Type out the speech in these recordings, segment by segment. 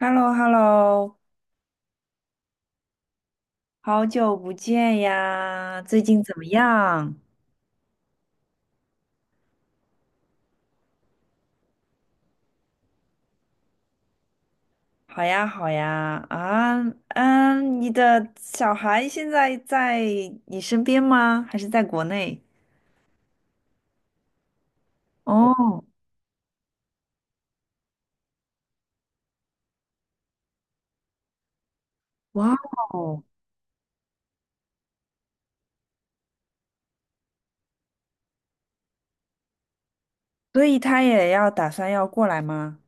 h e l l o h e l l o 好久不见呀，最近怎么样？好呀，好呀，啊，嗯，你的小孩现在在你身边吗？还是在国内？哦，哇哦，所以他也要打算要过来吗？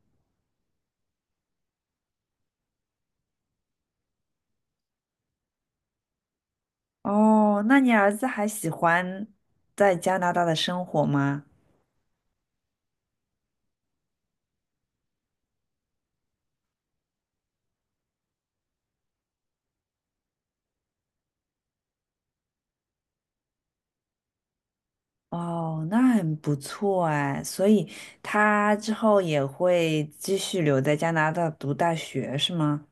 哦，那你儿子还喜欢在加拿大的生活吗？哦，那很不错哎，所以他之后也会继续留在加拿大读大学，是吗？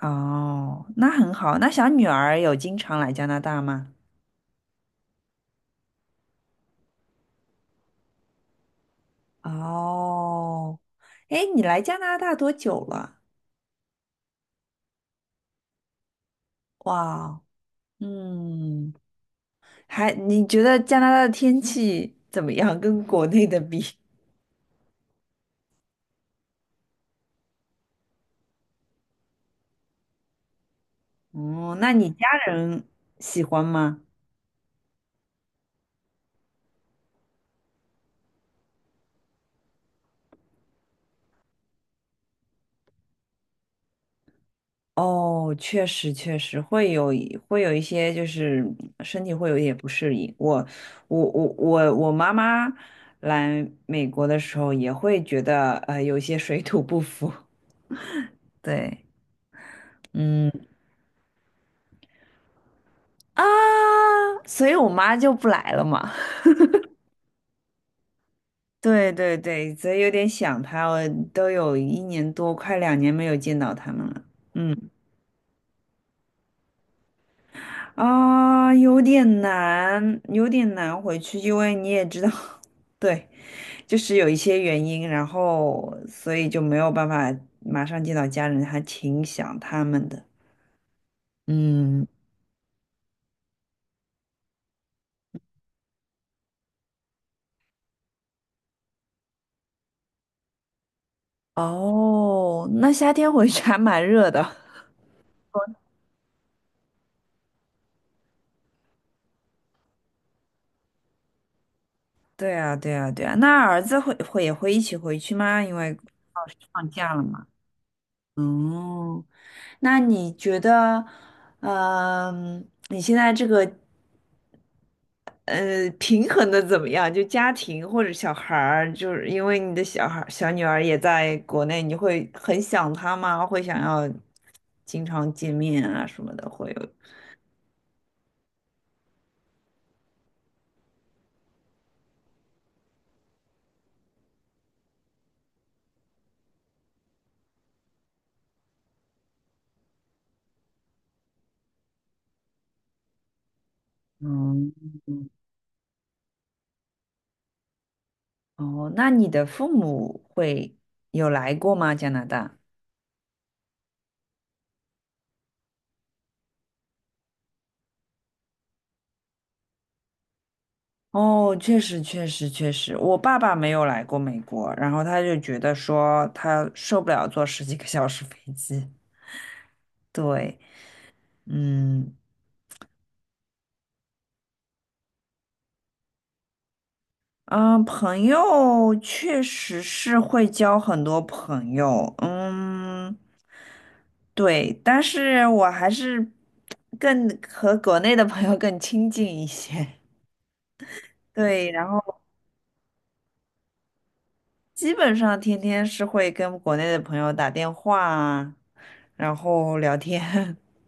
哦，那很好。那小女儿有经常来加拿大吗？哦，哎，你来加拿大多久了？哇，嗯，还，你觉得加拿大的天气怎么样？跟国内的比？哦，那你家人喜欢吗？哦，确实确实会有一些，就是身体会有一点不适应。我妈妈来美国的时候也会觉得有一些水土不服。对，嗯啊，所以我妈就不来了嘛。对对对，所以有点想她，我都有一年多，快两年没有见到他们了。嗯啊，有点难，有点难回去，因为你也知道，对。就是有一些原因，然后所以就没有办法马上见到家人，还挺想他们的。嗯，哦，那夏天回去还蛮热的。对啊，对啊，对啊。那儿子会也会一起回去吗？因为老师放假了嘛。哦，那你觉得，嗯、你现在这个平衡的怎么样？就家庭或者小孩儿，就是因为你的小孩儿、小女儿也在国内，你会很想她吗？会想要经常见面啊什么的，会有。嗯，哦，那你的父母会有来过吗？加拿大？哦，确实，确实，确实，我爸爸没有来过美国，然后他就觉得说他受不了坐十几个小时飞机。对，嗯，嗯，朋友确实是会交很多朋友，嗯，对，但是我还是更和国内的朋友更亲近一些，对，然后基本上天天是会跟国内的朋友打电话啊，然后聊天，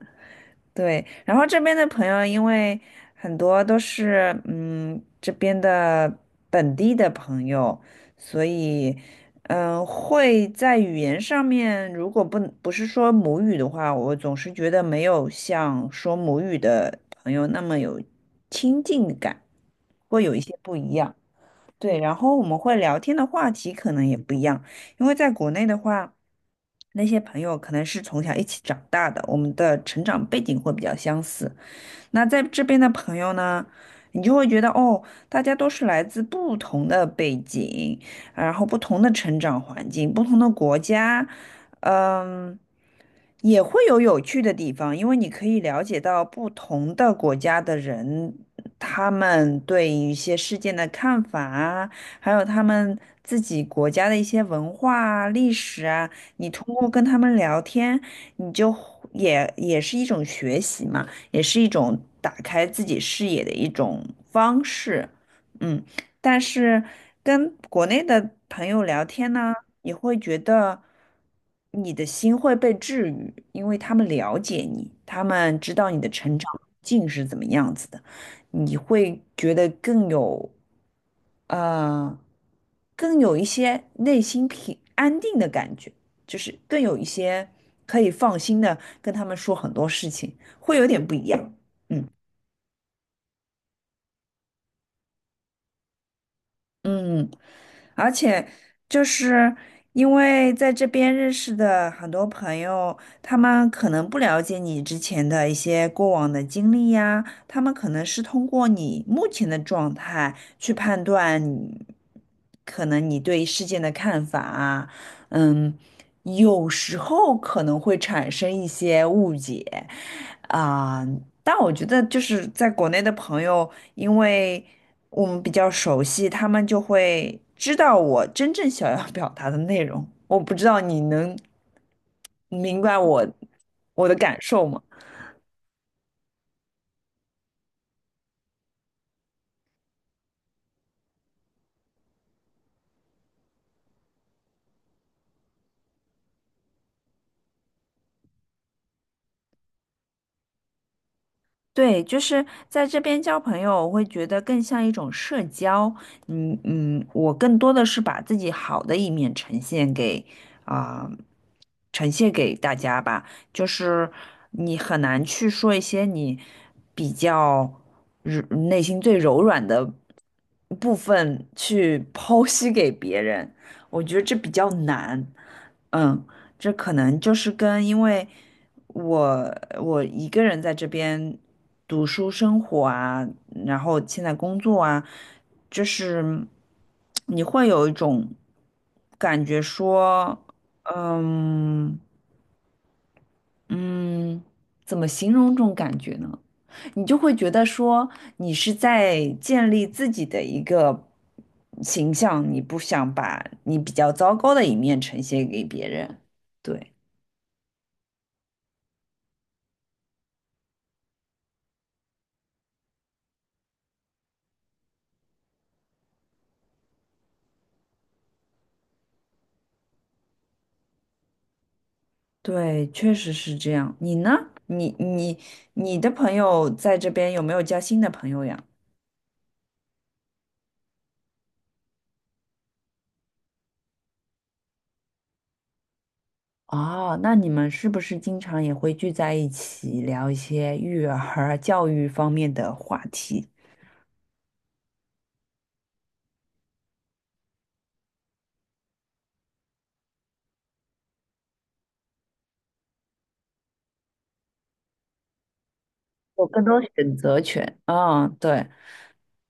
对，然后这边的朋友，因为很多都是嗯这边的本地的朋友，所以嗯、会在语言上面，如果不是说母语的话，我总是觉得没有像说母语的朋友那么有亲近感，会有一些不一样。对，然后我们会聊天的话题可能也不一样，因为在国内的话，那些朋友可能是从小一起长大的，我们的成长背景会比较相似。那在这边的朋友呢，你就会觉得哦，大家都是来自不同的背景，然后不同的成长环境，不同的国家，嗯。也会有有趣的地方，因为你可以了解到不同的国家的人，他们对一些事件的看法啊，还有他们自己国家的一些文化啊、历史啊。你通过跟他们聊天，你就会也是一种学习嘛，也是一种打开自己视野的一种方式。嗯，但是跟国内的朋友聊天呢？你会觉得你的心会被治愈，因为他们了解你，他们知道你的成长境是怎么样子的，你会觉得更有呃，更有一些内心平安定的感觉，就是更有一些可以放心的跟他们说很多事情，会有点不一样。嗯嗯，而且就是因为在这边认识的很多朋友，他们可能不了解你之前的一些过往的经历呀，他们可能是通过你目前的状态去判断你可能你对事件的看法啊，嗯，有时候可能会产生一些误解啊，但我觉得就是在国内的朋友。因为我们比较熟悉，他们就会知道我真正想要表达的内容。我不知道你能明白我的感受吗？对，就是在这边交朋友，我会觉得更像一种社交。嗯嗯，我更多的是把自己好的一面啊、呈现给大家吧。就是你很难去说一些你比较柔内心最柔软的部分去 剖析给别人，我觉得这比较难。嗯，这可能就是跟因为。我我一个人在这边读书生活啊，然后现在工作啊，就是你会有一种感觉说，嗯嗯，怎么形容这种感觉呢？你就会觉得说你是在建立自己的一个形象，你不想把你比较糟糕的一面呈现给别人，对。对，确实是这样。你呢？你你的朋友在这边有没有交新的朋友呀？哦，那你们是不是经常也会聚在一起聊一些育儿、教育方面的话题？有更多选择权。嗯，对，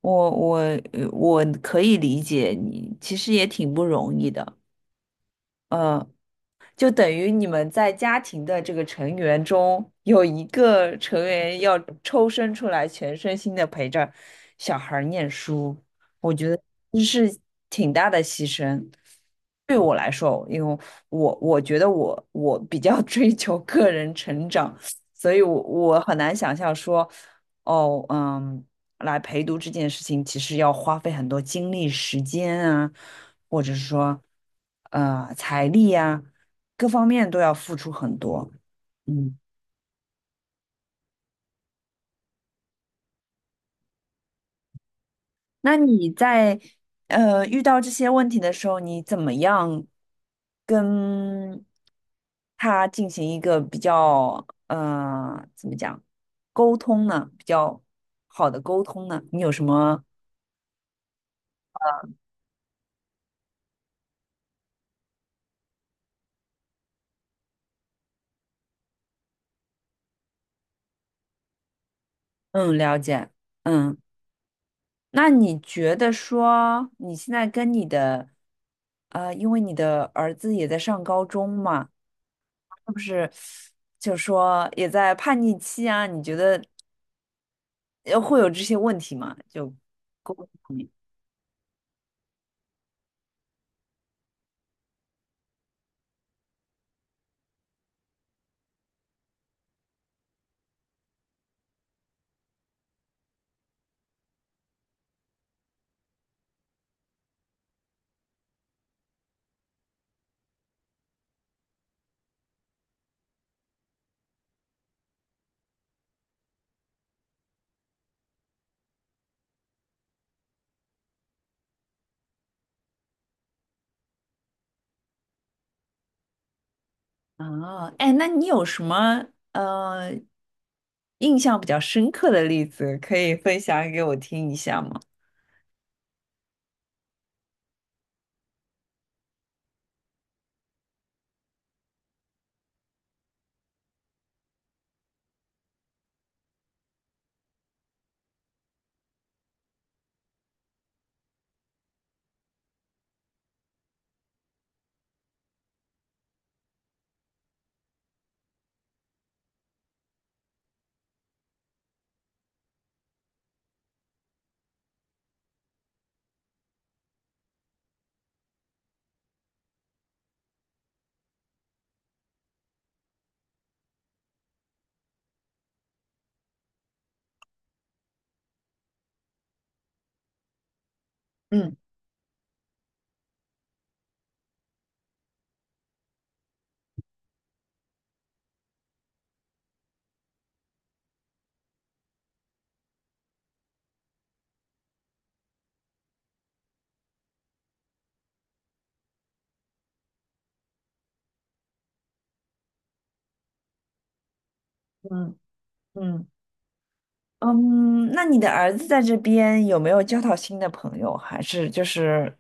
我我我可以理解你，其实也挺不容易的。呃，就等于你们在家庭的这个成员中有一个成员要抽身出来，全身心的陪着小孩儿念书，我觉得这是挺大的牺牲。对我来说，因为我觉得我比较 追求个人成长，所以我很难想象说，哦，嗯，来陪读这件事情，其实要花费很多精力、时间啊，或者是说，财力呀。各方面都要付出很多。嗯，那你在遇到这些问题的时候，你怎么样跟他进行一个比较怎么讲沟通呢？比较好的沟通呢？你有什么嗯了解？嗯，那你觉得说你现在跟你的因为你的儿子也在上高中嘛？是不是就是说也在叛逆期啊？你觉得会有这些问题吗？就沟通方面啊，哎，那你有什么呃印象比较深刻的例子可以分享给我听一下吗？嗯嗯嗯嗯，那你的儿子在这边有没有交到新的朋友？还是就是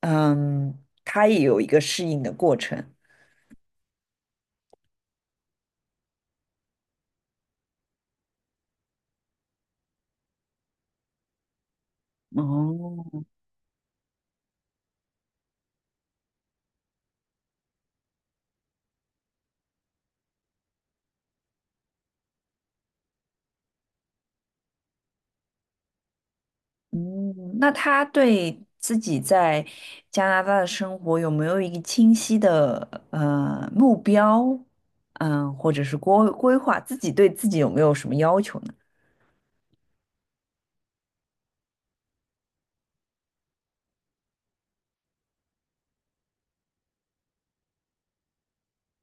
嗯，他也有一个适应的过程？哦，嗯，那他对自己在加拿大的生活有没有一个清晰的目标？嗯，或者是规划，自己对自己有没有什么要求呢？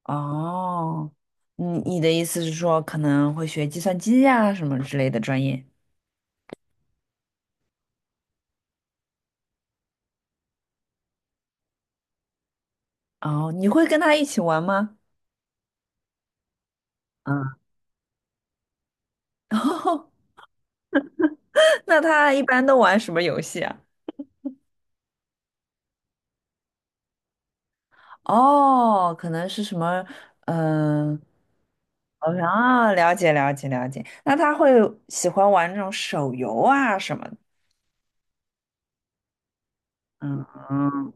哦，你的意思是说可能会学计算机呀、什么之类的专业？哦，你会跟他一起玩吗？嗯，那他一般都玩什么游戏啊？哦，可能是什么，嗯、啊，了解了解了解。那他会喜欢玩那种手游啊什么的嗯嗯，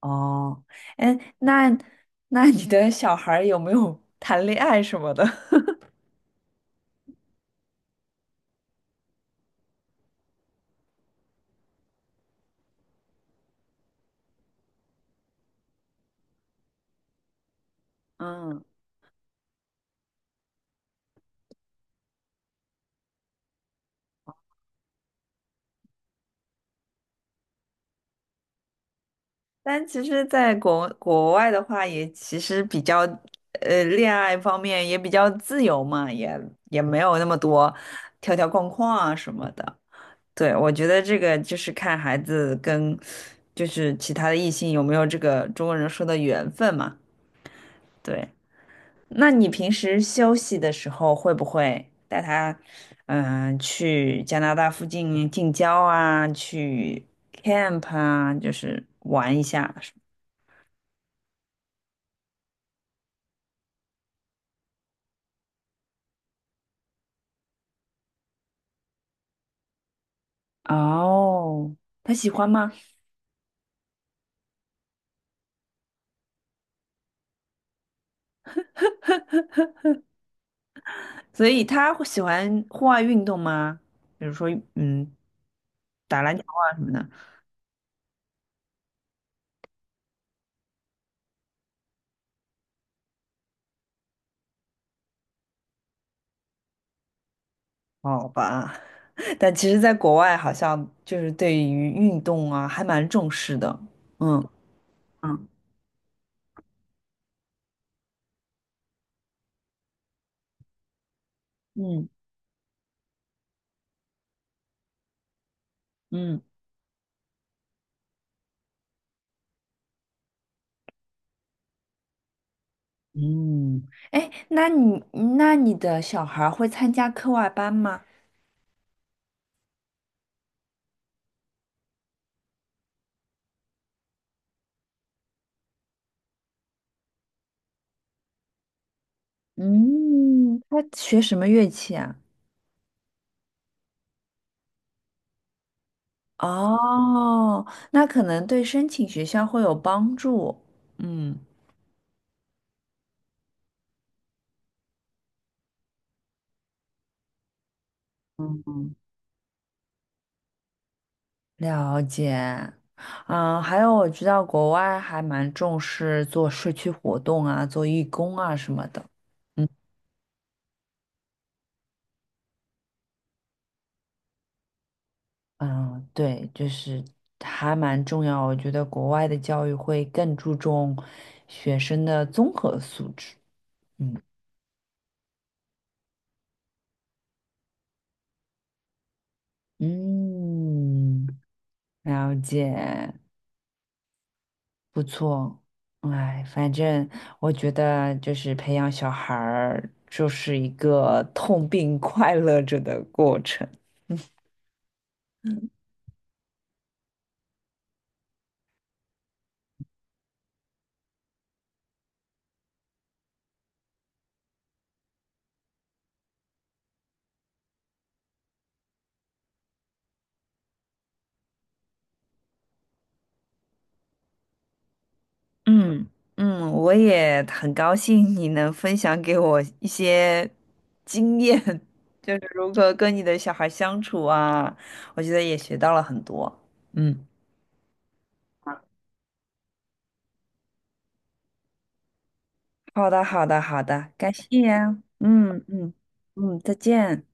哦，哎，那你的小孩儿有没有 谈恋爱什么的？嗯，但其实，在国外的话，也其实比较，恋爱方面也比较自由嘛，也没有那么多条条框框啊什么的。对，我觉得这个就是看孩子跟就是其他的异性有没有这个中国人说的缘分嘛。对，那你平时休息的时候会不会带他去加拿大附近近郊啊，去 camp 啊，就是玩一下？哦，他喜欢吗？所以他会喜欢户外运动吗？比如说嗯打篮球啊什么的。好吧。但其实，在国外好像就是对于运动啊，还蛮重视的。嗯嗯嗯嗯，嗯，哎，那你的小孩儿会参加课外班吗？嗯，他学什么乐器啊？哦，那可能对申请学校会有帮助。嗯，嗯嗯，了解。嗯，还有我知道国外还蛮重视做社区活动啊，做义工啊什么的。嗯。嗯，对，就是还蛮重要。我觉得国外的教育会更注重学生的综合素质。嗯嗯，了解，不错。哎，反正我觉得就是培养小孩儿，就是一个痛并快乐着的过程。嗯嗯，我也很高兴你能分享给我一些经验，就是如何跟你的小孩相处啊，我觉得也学到了很多。嗯，好的，好的，好的，感谢啊嗯嗯嗯，再见。